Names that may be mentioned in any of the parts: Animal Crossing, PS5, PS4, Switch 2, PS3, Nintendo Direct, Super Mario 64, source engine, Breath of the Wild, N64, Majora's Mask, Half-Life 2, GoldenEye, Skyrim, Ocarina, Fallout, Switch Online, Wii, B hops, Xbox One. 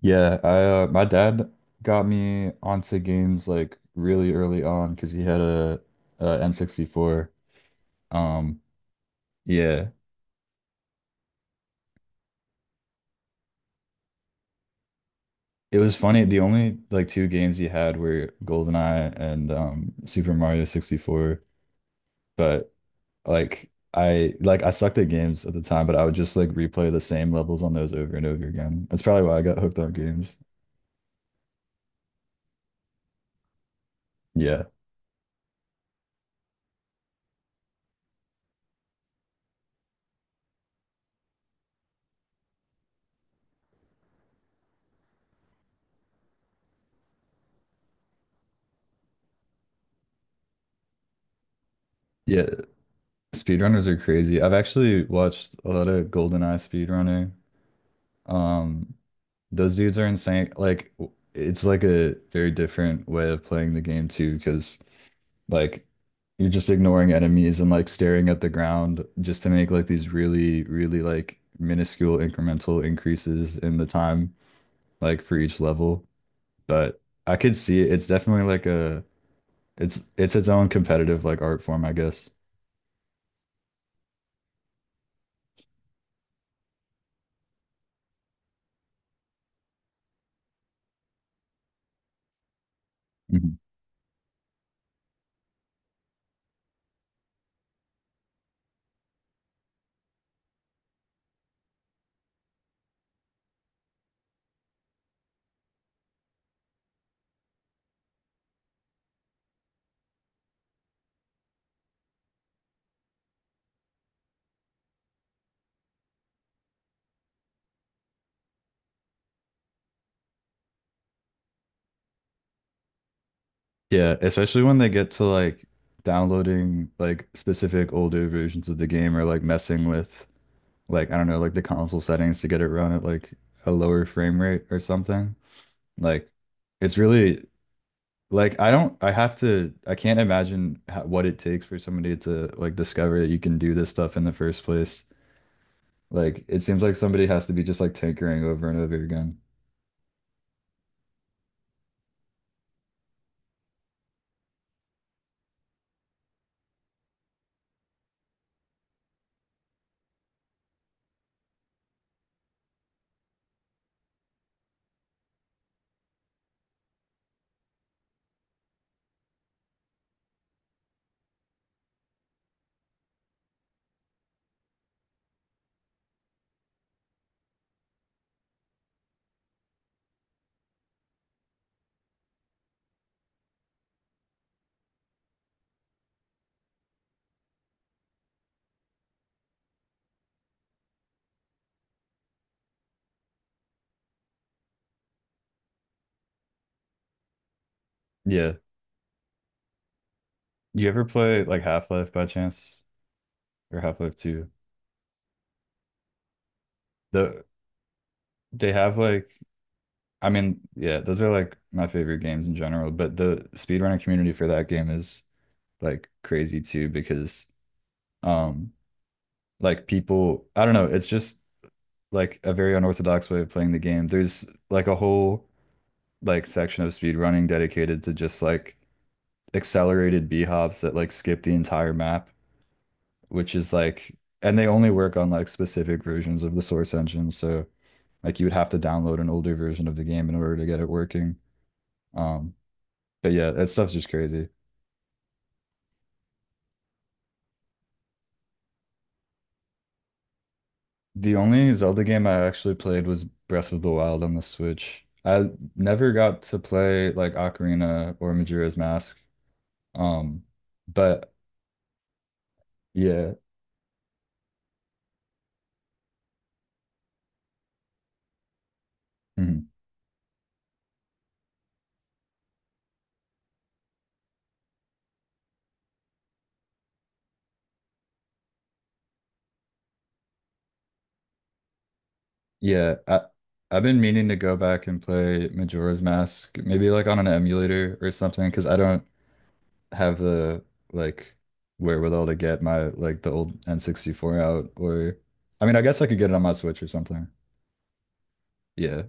Yeah, I my dad got me onto games like really early on because he had a N64. Um, yeah, it was funny. The only like two games he had were GoldenEye and Super Mario 64. But I sucked at games at the time, but I would just like replay the same levels on those over and over again. That's probably why I got hooked on games. Yeah. Yeah, speedrunners are crazy. I've actually watched a lot of GoldenEye speedrunner. Um, Those dudes are insane. Like it's like a very different way of playing the game too, because like you're just ignoring enemies and like staring at the ground just to make like these really, really like minuscule incremental increases in the time like for each level. But I could see it. It's definitely like a it's its own competitive like art form, I guess. Mhm. Yeah, especially when they get to like downloading like specific older versions of the game or like messing with like I don't know, like the console settings to get it run at like a lower frame rate or something. Like it's really like I have to I can't imagine how, what it takes for somebody to like discover that you can do this stuff in the first place. Like it seems like somebody has to be just like tinkering over and over again. Yeah. You ever play like Half-Life by chance or Half-Life 2? The they have like I mean, yeah, those are like my favorite games in general, but the speedrunning community for that game is like crazy too because Um, like people, I don't know, it's just like a very unorthodox way of playing the game. There's like a whole like section of speedrunning dedicated to just like accelerated B hops that like skip the entire map, which is and they only work on like specific versions of the source engine, so like you would have to download an older version of the game in order to get it working. Um, but yeah, that stuff's just crazy. The only Zelda game I actually played was Breath of the Wild on the Switch. I never got to play like Ocarina or Majora's Mask. Um, but yeah, mhm. Yeah, I've been meaning to go back and play Majora's Mask, maybe like on an emulator or something, because I don't have the like wherewithal to get my like the old N64 out or I mean, I guess I could get it on my Switch or something. Yeah.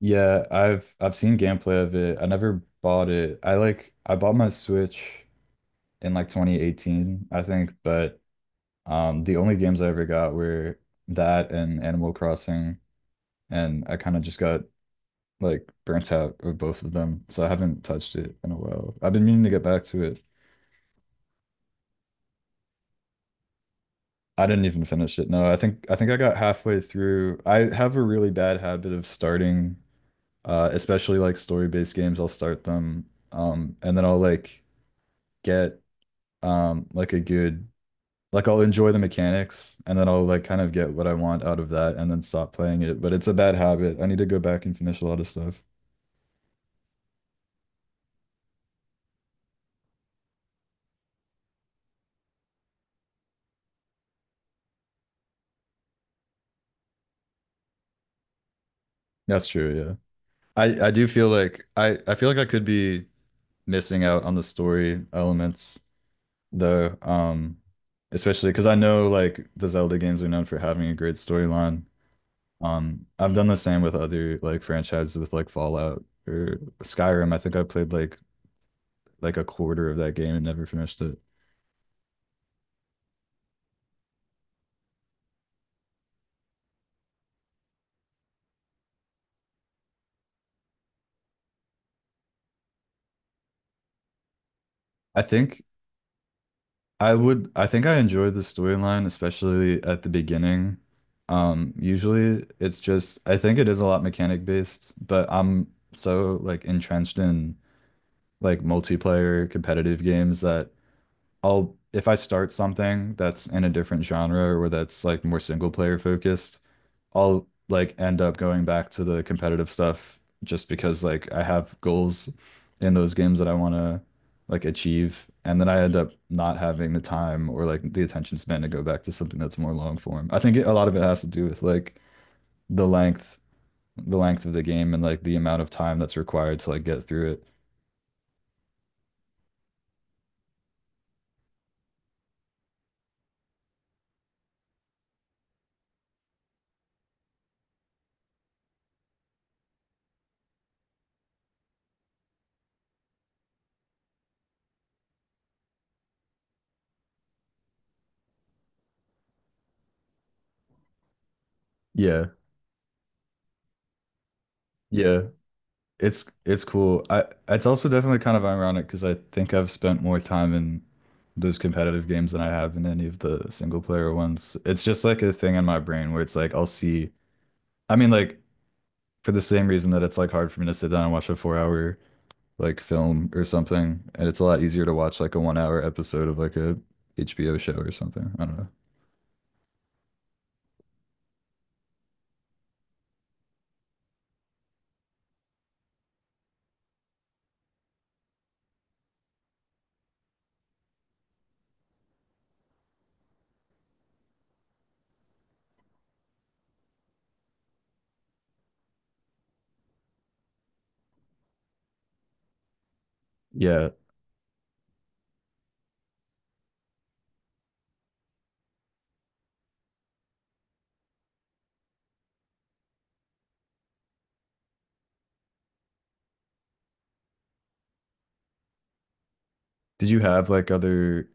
Yeah, I've seen gameplay of it. I never bought it. I bought my Switch in like 2018, I think, but the only games I ever got were that and Animal Crossing, and I kind of just got like burnt out of both of them. So I haven't touched it in a while. I've been meaning to get back to it. I didn't even finish it. No, I think I got halfway through. I have a really bad habit of starting especially like story-based games. I'll start them and then I'll like get like a good like I'll enjoy the mechanics and then I'll like kind of get what I want out of that and then stop playing it. But it's a bad habit. I need to go back and finish a lot of stuff. That's true, yeah. I do feel like I feel like I could be missing out on the story elements though. Especially because I know like the Zelda games are known for having a great storyline. I've done the same with other like franchises with like Fallout or Skyrim. I think I played like a quarter of that game and never finished it. I think I would, I think I enjoy the storyline, especially at the beginning. Usually it's just, I think it is a lot mechanic based, but I'm so like entrenched in like multiplayer competitive games that I'll if I start something that's in a different genre or that's like more single player focused, I'll like end up going back to the competitive stuff just because like I have goals in those games that I want to like achieve and then I end up not having the time or like the attention span to go back to something that's more long form. I think it, a lot of it has to do with like the length the length of the game and like the amount of time that's required to like get through it. Yeah. Yeah. It's cool. I It's also definitely kind of ironic because I think I've spent more time in those competitive games than I have in any of the single player ones. It's just like a thing in my brain where it's like I'll see. I mean, like for the same reason that it's like hard for me to sit down and watch a 4 hour like film or something, and it's a lot easier to watch like a 1 hour episode of like a HBO show or something. I don't know. Yeah. Did you have like other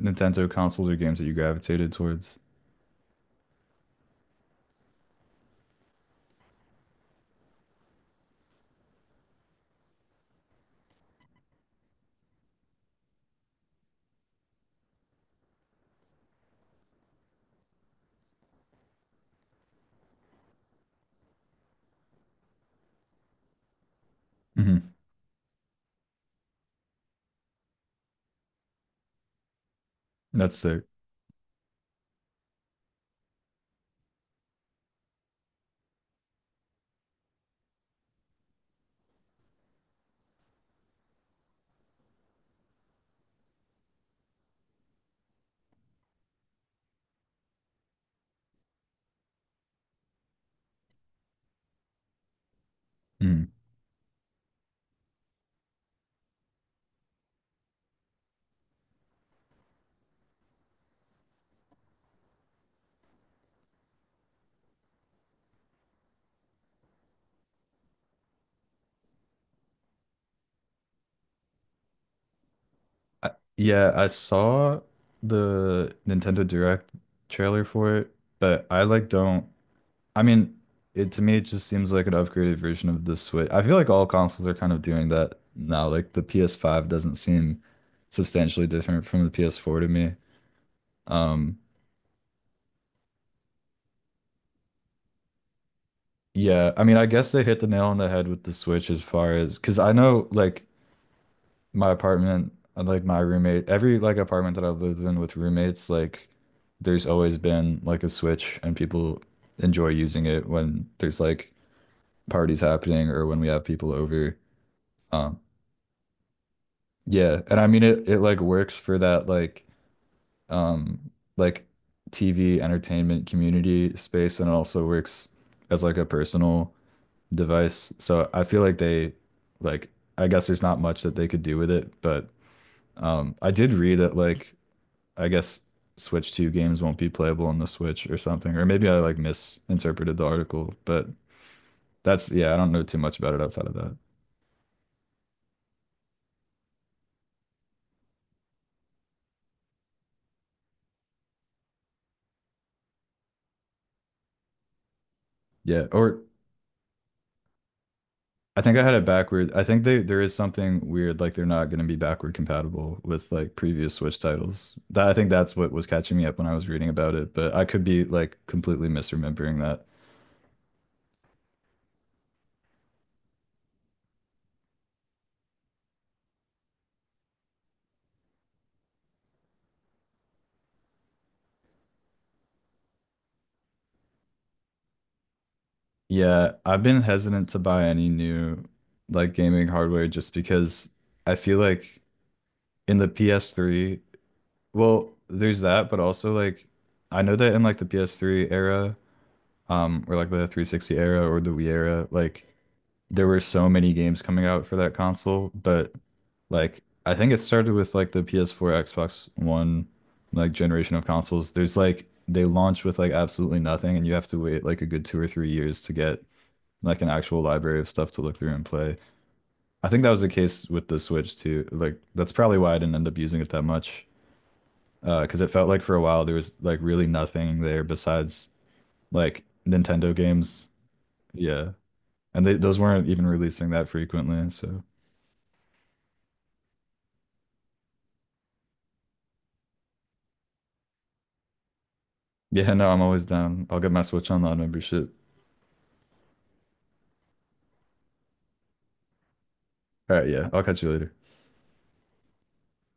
Nintendo consoles or games that you gravitated towards? Hmm. That's sick. Mm-hmm. I, yeah, I saw the Nintendo Direct trailer for it, but I like don't. I mean, it to me it just seems like an upgraded version of the Switch. I feel like all consoles are kind of doing that now. Like the PS5 doesn't seem substantially different from the PS4 to me. Um, yeah, I mean, I guess they hit the nail on the head with the Switch as far as because I know like my apartment, and, like my roommate, every like apartment that I've lived in with roommates, like there's always been like a switch and people enjoy using it when there's like parties happening or when we have people over. Um yeah, and I mean it like works for that um like TV entertainment community space and it also works as like a personal device. So I feel like they like I guess there's not much that they could do with it, but I did read that like I guess Switch 2 games won't be playable on the Switch or something. Or maybe I like misinterpreted the article, but that's yeah, I don't know too much about it outside of that. Yeah, or I think I had it backward. I think they There is something weird like they're not going to be backward compatible with like previous Switch titles. That I think that's what was catching me up when I was reading about it, but I could be like completely misremembering that. Yeah, I've been hesitant to buy any new like gaming hardware just because I feel like in the PS3 Well, there's that, but also like I know that in like the PS3 era, or like the 360 era or the Wii era, like there were so many games coming out for that console, but like I think it started with like the PS4, Xbox One like generation of consoles. There's like they launch with like absolutely nothing and you have to wait like a good 2 or 3 years to get like an actual library of stuff to look through and play. I think that was the case with the Switch too. Like that's probably why I didn't end up using it that much. 'Cause it felt like for a while there was like really nothing there besides like Nintendo games. Yeah. And they those weren't even releasing that frequently, so yeah, no, I'm always down. I'll get my Switch Online membership. All right, yeah. I'll catch you later.